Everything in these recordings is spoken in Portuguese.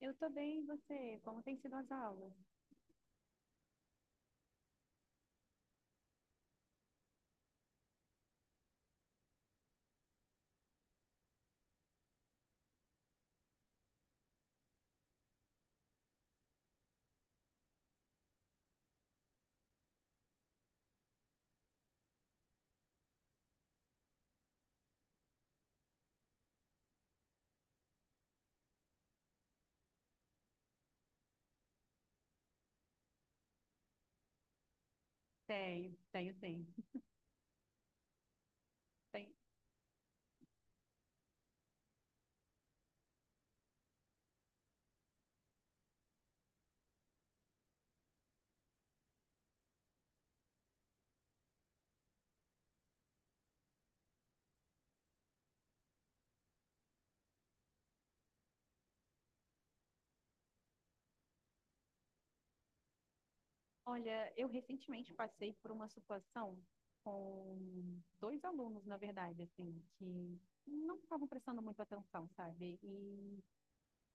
Eu tô bem, e você? Como tem sido as aulas? Tenho, tenho, tenho. Tenho. Olha, eu recentemente passei por uma situação com dois alunos, na verdade, assim, que não estavam prestando muito atenção, sabe? E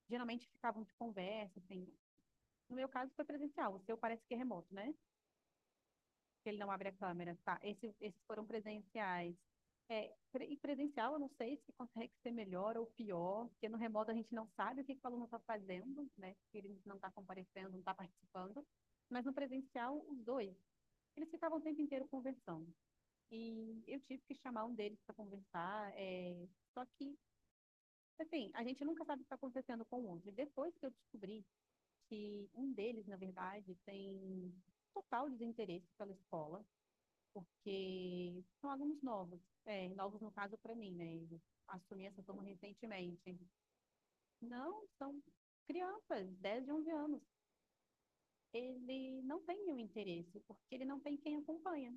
geralmente ficavam de conversa, assim. No meu caso foi presencial, o seu parece que é remoto, né? que ele não abre a câmera, tá? Esses foram presenciais. É, e presencial, eu não sei se consegue ser melhor ou pior, porque no remoto a gente não sabe o que, que o aluno está fazendo, né? Se ele não está comparecendo, não está participando. Mas no presencial, os dois, eles ficavam o tempo inteiro conversando. E eu tive que chamar um deles para conversar, só que, assim, a gente nunca sabe o que está acontecendo com o outro. E depois que eu descobri que um deles, na verdade, tem total desinteresse pela escola, porque são alunos novos, novos no caso para mim, né? Eu assumi essa turma recentemente. Não, são crianças, 10 e 11 anos. Ele não tem nenhum interesse, porque ele não tem quem acompanha.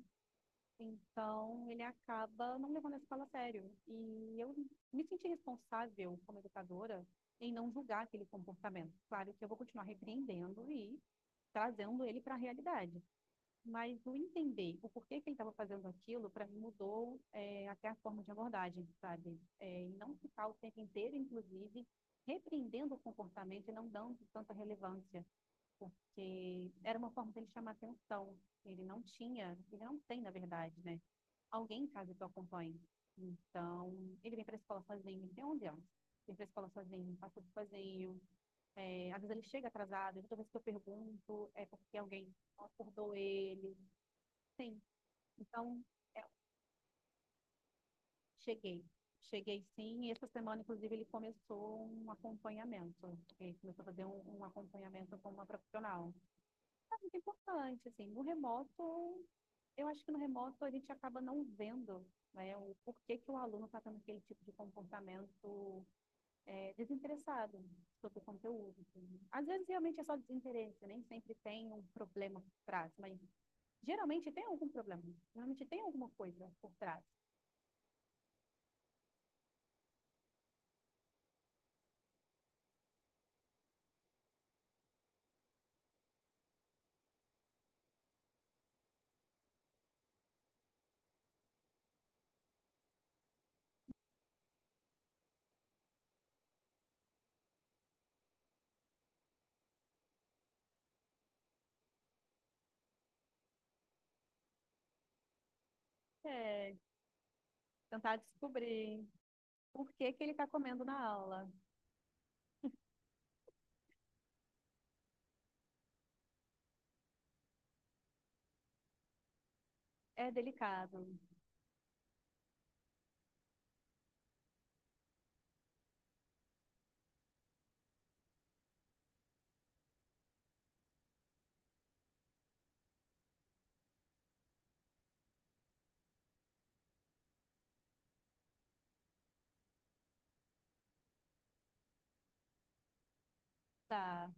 Então, ele acaba não levando a escola a sério. E eu me senti responsável como educadora em não julgar aquele comportamento. Claro que eu vou continuar repreendendo e trazendo ele para a realidade. Mas o entender o porquê que ele estava fazendo aquilo, para mim mudou até a forma de abordagem, sabe? É, e não ficar o tempo inteiro, inclusive, repreendendo o comportamento e não dando tanta relevância, porque era uma forma dele chamar atenção. Ele não tinha, ele não tem, na verdade, né? Alguém em casa que o acompanhe. Então, ele vem para a escola sozinho, ele tem 11 anos. Vem para a escola sozinho, passa tudo sozinho. É, às vezes ele chega atrasado, toda vez que eu pergunto é porque alguém acordou ele. Sim, então, é, cheguei. Cheguei sim, e essa semana, inclusive, ele começou um acompanhamento. Ele começou a fazer um acompanhamento com uma profissional. É muito importante, assim. No remoto, eu acho que no remoto a gente acaba não vendo, né, o porquê que o aluno está tendo aquele tipo de comportamento desinteressado sobre o conteúdo, assim. Às vezes, realmente é só desinteresse, nem sempre tem um problema por trás, mas geralmente tem algum problema, geralmente tem alguma coisa por trás. É, tentar descobrir por que que ele tá comendo na aula. É delicado, tá?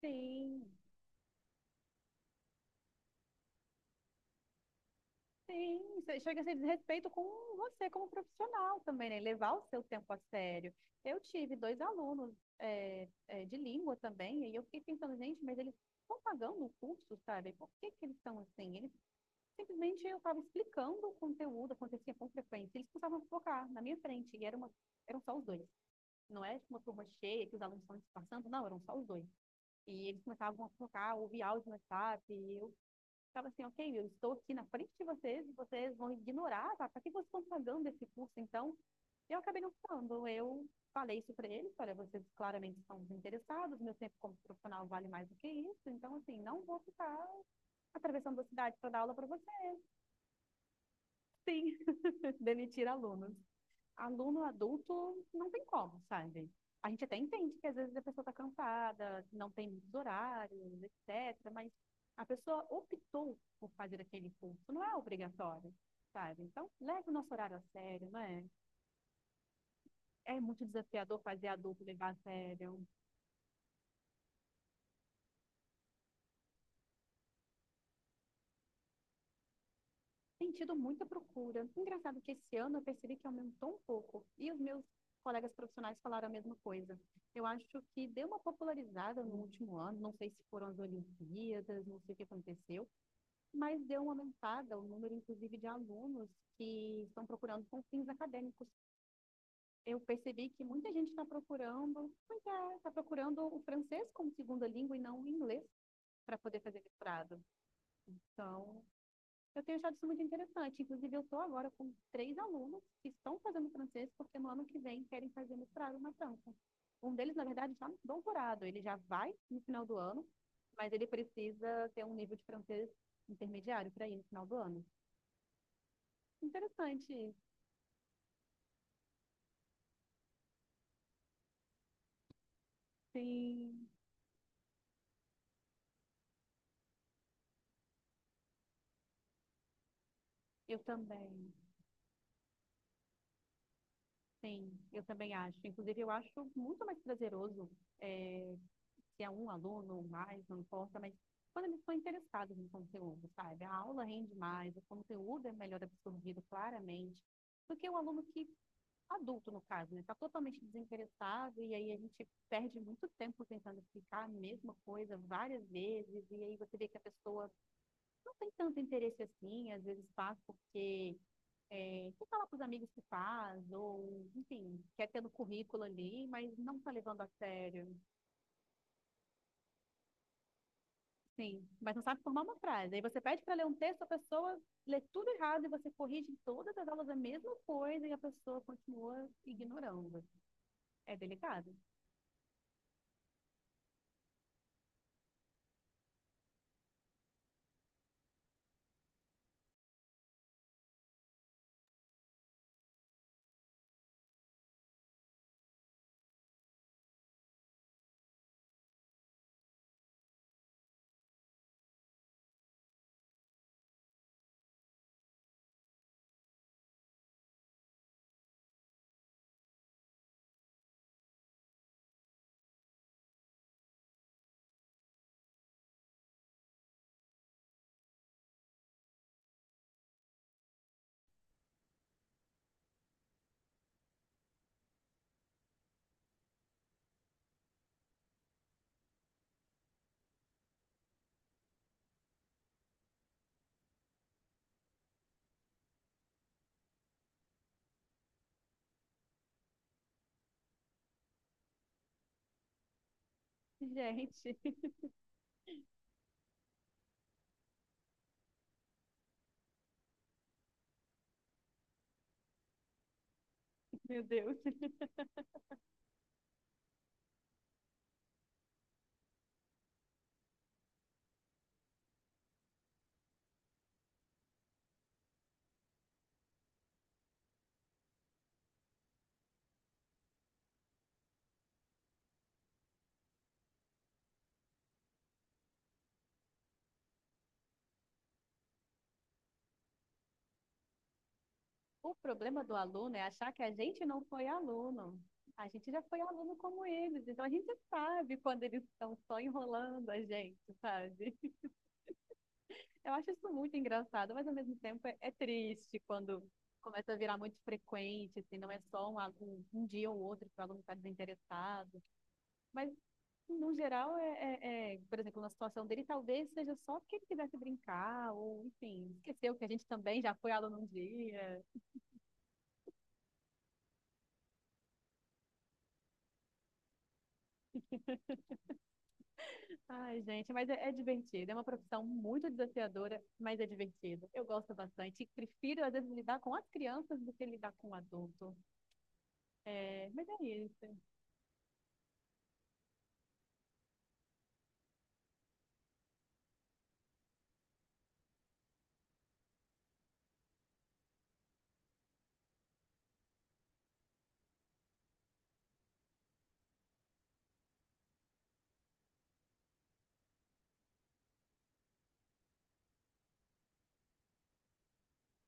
Sim, sim. Isso chega a ser desrespeito com você como profissional também, né? Levar o seu tempo a sério. Eu tive dois alunos de língua também, e eu fiquei pensando, gente, mas eles estão pagando o curso, sabe? Por que que eles estão assim? Eles simplesmente eu estava explicando o conteúdo, acontecia com frequência, eles começavam a focar na minha frente, e era uma, eram só os dois. Não é uma turma cheia que os alunos estão disfarçando, não, eram só os dois. E eles começavam a focar, ouvir áudio no WhatsApp, e eu ficava assim, ok, eu estou aqui na frente de vocês, e vocês vão ignorar, tá? Pra que vocês estão pagando esse curso, então? Eu acabei não falando, eu falei isso para eles, olha, vocês claramente estão desinteressados, meu tempo como profissional vale mais do que isso, então, assim, não vou ficar atravessando a cidade para dar aula para vocês, sim, demitir alunos. Aluno adulto não tem como, sabe? A gente até entende que às vezes a pessoa está cansada, não tem muitos horários, etc. Mas a pessoa optou por fazer aquele curso, não é obrigatório, sabe? Então, leve o nosso horário a sério, não é? É muito desafiador fazer adulto levar a sério. Tem tido muita procura. Engraçado que esse ano eu percebi que aumentou um pouco. E os meus colegas profissionais falaram a mesma coisa. Eu acho que deu uma popularizada no último ano, não sei se foram as Olimpíadas, não sei o que aconteceu, mas deu uma aumentada o número, inclusive, de alunos que estão procurando com fins acadêmicos. Eu percebi que muita gente está procurando o francês como segunda língua e não o inglês para poder fazer mestrado. Então, eu tenho achado isso muito interessante. Inclusive, eu estou agora com três alunos que estão fazendo francês porque no ano que vem querem fazer mestrado na França. Um deles, na verdade, está no doutorado. Ele já vai no final do ano, mas ele precisa ter um nível de francês intermediário para ir no final do ano. Interessante. Sim, eu também. Sim, eu também acho. Inclusive, eu acho muito mais prazeroso, é se é um aluno ou mais, não importa, mas quando eles estão interessados no conteúdo, sabe? A aula rende mais, o conteúdo é melhor absorvido claramente, do que o aluno que, adulto no caso, né? Está totalmente desinteressado e aí a gente perde muito tempo tentando explicar a mesma coisa várias vezes e aí você vê que a pessoa não tem tanto interesse assim, às vezes faz porque que falar para os amigos que faz, ou, enfim, quer ter no currículo ali, mas não tá levando a sério. Sim, mas não sabe formar uma frase. Aí você pede para ler um texto, a pessoa lê tudo errado e você corrige em todas as aulas a mesma coisa e a pessoa continua ignorando. É delicado. Gente, meu Deus. O problema do aluno é achar que a gente não foi aluno. A gente já foi aluno como eles, então a gente sabe quando eles estão só enrolando a gente, sabe? Eu acho isso muito engraçado, mas ao mesmo tempo é triste quando começa a virar muito frequente, assim, não é só um dia ou outro que o aluno está desinteressado. Mas, no geral, por exemplo, na situação dele, talvez seja só que ele quisesse brincar, ou, enfim, esqueceu que a gente também já foi aluno um dia. Ai, gente, mas é divertido. É uma profissão muito desafiadora, mas é divertido. Eu gosto bastante. E prefiro, às vezes, lidar com as crianças do que lidar com o adulto. É, mas é isso.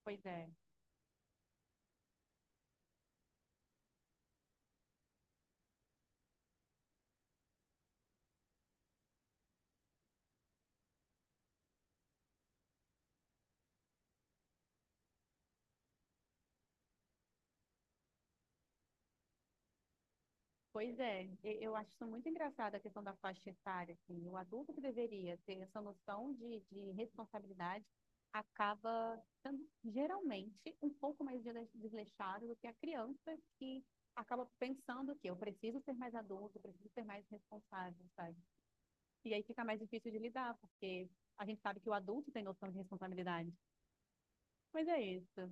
Pois é. Pois é, eu acho isso muito engraçado a questão da faixa etária, assim, o adulto que deveria ter essa noção de responsabilidade acaba sendo geralmente um pouco mais desleixado do que a criança que acaba pensando que eu preciso ser mais adulto, eu preciso ser mais responsável, sabe? E aí fica mais difícil de lidar, porque a gente sabe que o adulto tem noção de responsabilidade. Mas é isso.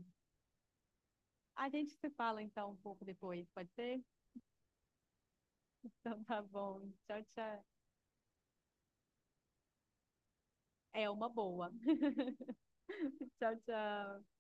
A gente se fala então um pouco depois, pode ser? Então tá bom. Tchau, tchau. É uma boa. Tchau, tchau.